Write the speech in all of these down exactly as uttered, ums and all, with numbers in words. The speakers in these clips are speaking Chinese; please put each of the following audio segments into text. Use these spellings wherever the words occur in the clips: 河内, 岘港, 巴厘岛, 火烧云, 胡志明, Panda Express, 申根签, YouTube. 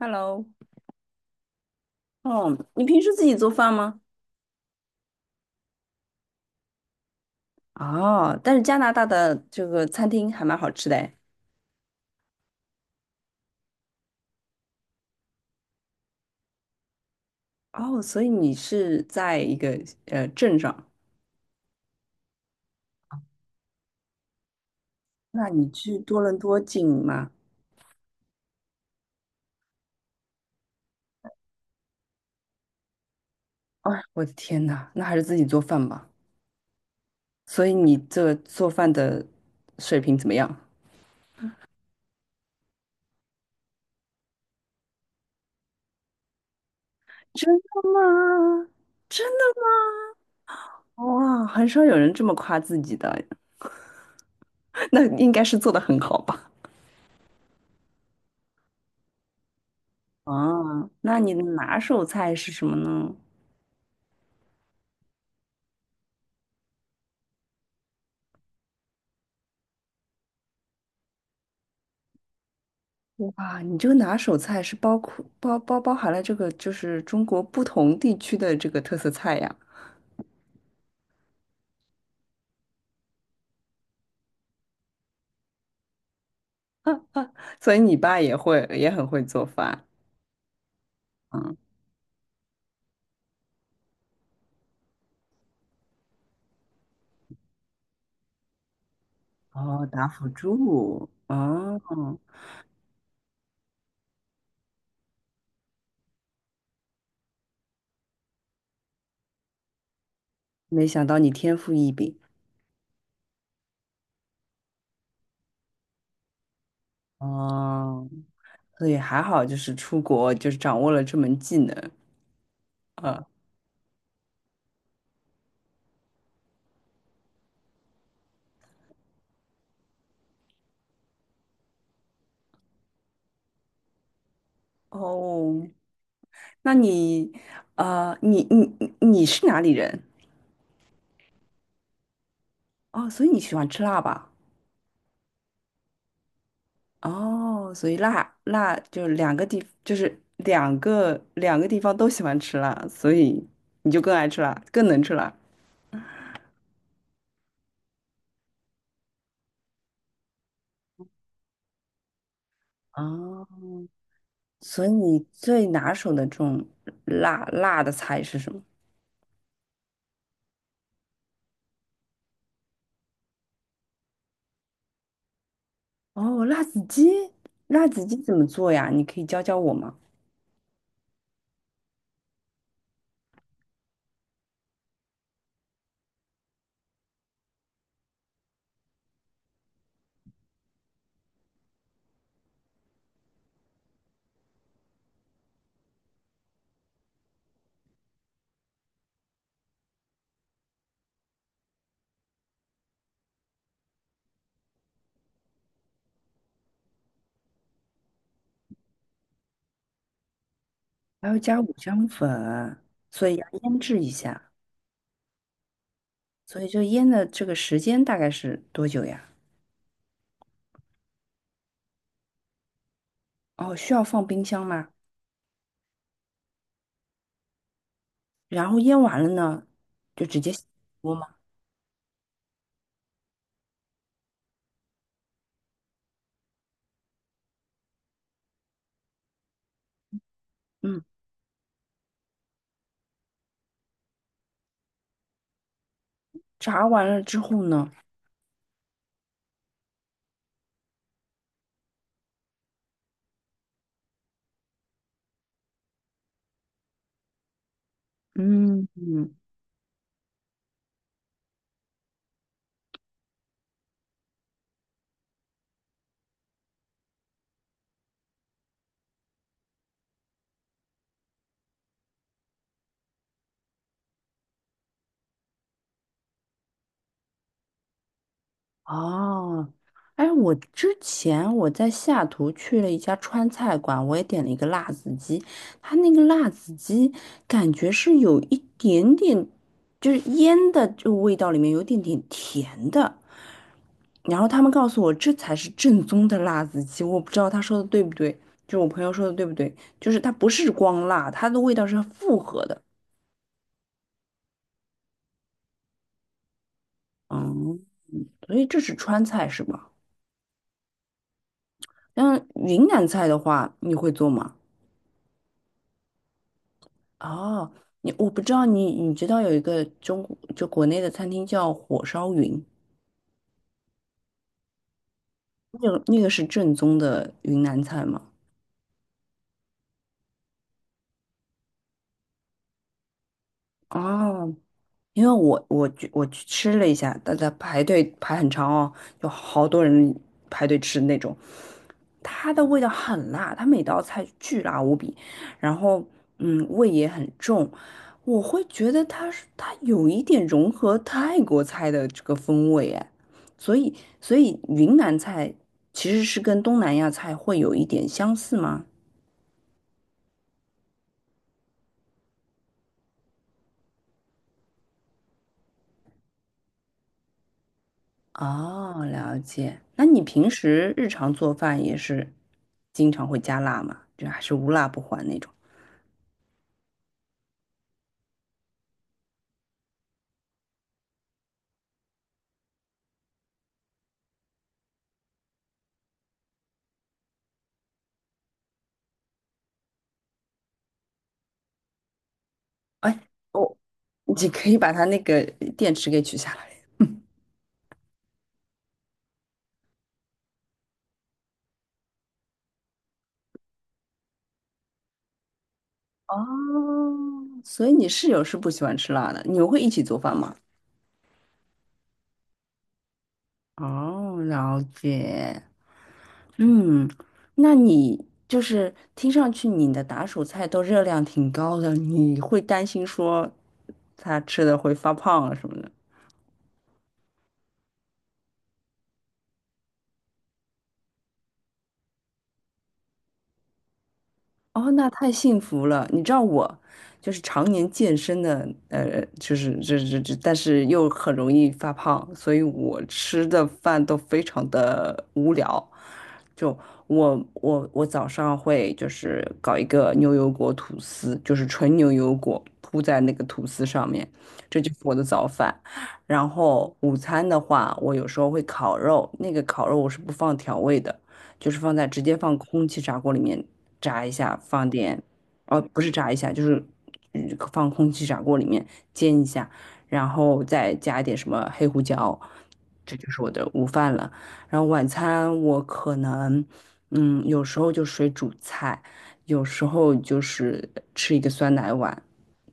Hello，哦，你平时自己做饭吗？哦，但是加拿大的这个餐厅还蛮好吃的诶。哦，所以你是在一个呃镇上，那你去多伦多近吗？哎，我的天呐，那还是自己做饭吧。所以你这做饭的水平怎么样？真的吗？真的吗？哇，很少有人这么夸自己的，那应该是做的很好吧？啊，那你的拿手菜是什么呢？哇，你这个拿手菜是包括包包包含了这个就是中国不同地区的这个特色菜呀，所以你爸也会也很会做饭，嗯。哦，打辅助，哦。没想到你天赋异禀，哦，所以还好就是出国就是掌握了这门技能，啊。哦，那你，啊，你你你你是哪里人？哦，所以你喜欢吃辣吧？哦，所以辣辣就两个地，就是两个两个地方都喜欢吃辣，所以你就更爱吃辣，更能吃辣。哦，所以你最拿手的这种辣辣的菜是什么？哦，辣子鸡，辣子鸡怎么做呀？你可以教教我吗？还要加五香粉，所以要腌制一下，所以就腌的这个时间大概是多久呀？哦，需要放冰箱吗？然后腌完了呢，就直接下锅吗？嗯。炸完了之后呢？嗯嗯。哦，哎，我之前我在下图去了一家川菜馆，我也点了一个辣子鸡，它那个辣子鸡感觉是有一点点，就是腌的这个味道里面有一点点甜的，然后他们告诉我这才是正宗的辣子鸡，我不知道他说的对不对，就是我朋友说的对不对，就是它不是光辣，它的味道是复合的，嗯。所以这是川菜是吧？嗯，云南菜的话，你会做吗？哦，你我不知道你你知道有一个中国就国内的餐厅叫火烧云，那个那个是正宗的云南菜吗？哦，因为我我去我去吃了一下，大家排队排很长哦，有好多人排队吃那种，它的味道很辣，它每道菜巨辣无比。然后嗯，味也很重，我会觉得它是它有一点融合泰国菜的这个风味哎，所以所以云南菜其实是跟东南亚菜会有一点相似吗？哦，了解。那你平时日常做饭也是经常会加辣吗？就还是无辣不欢那种？哎，我，你可以把它那个电池给取下来。所以你室友是不喜欢吃辣的，你们会一起做饭吗？哦，了解。嗯，那你就是听上去你的打手菜都热量挺高的，你会担心说他吃的会发胖啊什么的？哦，那太幸福了！你知道我就是常年健身的，呃，就是这这这，但是又很容易发胖，所以我吃的饭都非常的无聊。就我我我早上会就是搞一个牛油果吐司，就是纯牛油果铺在那个吐司上面，这就是我的早饭。然后午餐的话，我有时候会烤肉，那个烤肉我是不放调味的。就是放在直接放空气炸锅里面炸一下，放点，哦，不是炸一下，就是嗯放空气炸锅里面煎一下，然后再加一点什么黑胡椒，这就是我的午饭了。然后晚餐我可能，嗯，有时候就水煮菜，有时候就是吃一个酸奶碗，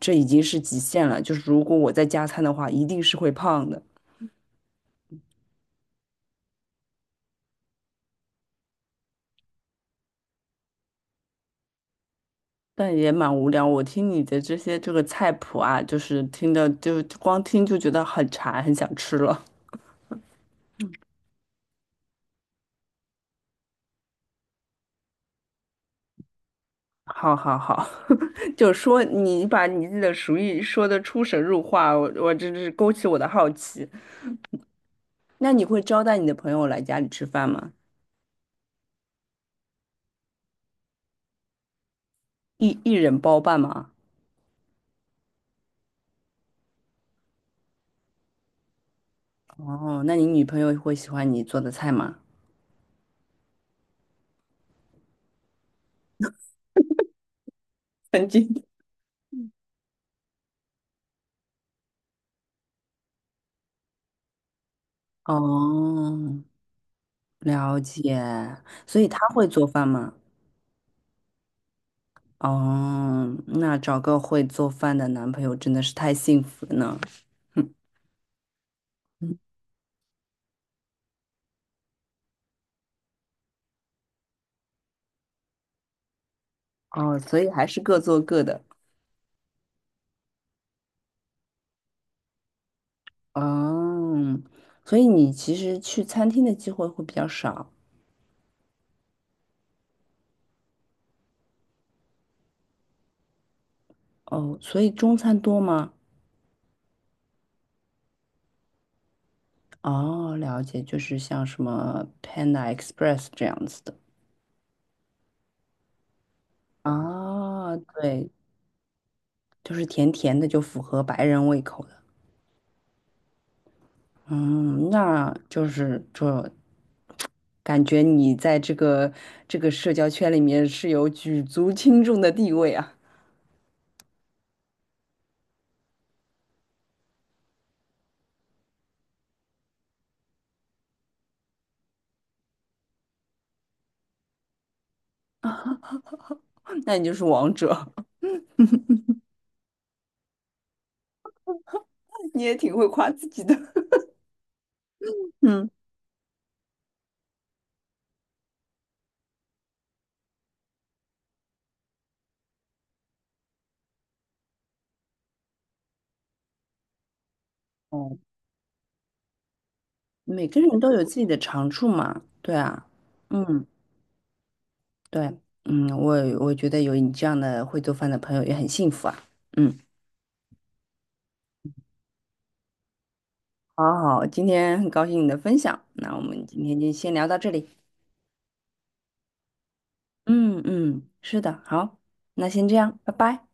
这已经是极限了。就是如果我再加餐的话，一定是会胖的。但也蛮无聊。我听你的这些这个菜谱啊，就是听的就光听就觉得很馋，很想吃了。好好好，就说你把你自己的厨艺说的出神入化，我我真是勾起我的好奇。那你会招待你的朋友来家里吃饭吗？一一人包办吗？哦，那你女朋友会喜欢你做的菜吗？曾经。哦，了解。所以她会做饭吗？哦，那找个会做饭的男朋友真的是太幸福了呢。嗯。哦，所以还是各做各的。哦，所以你其实去餐厅的机会会比较少。哦，所以中餐多吗？哦，了解，就是像什么 Panda Express 这样子的。啊，对，就是甜甜的，就符合白人胃口的。嗯，那就是这感觉你在这个这个社交圈里面是有举足轻重的地位啊。那你就是王者，你也挺会夸自己的。嗯。哦，每个人都有自己的长处嘛，对啊，嗯，对，嗯，我我觉得有你这样的会做饭的朋友也很幸福啊。嗯。好好，今天很高兴你的分享，那我们今天就先聊到这里。嗯嗯，是的，好，那先这样，拜拜。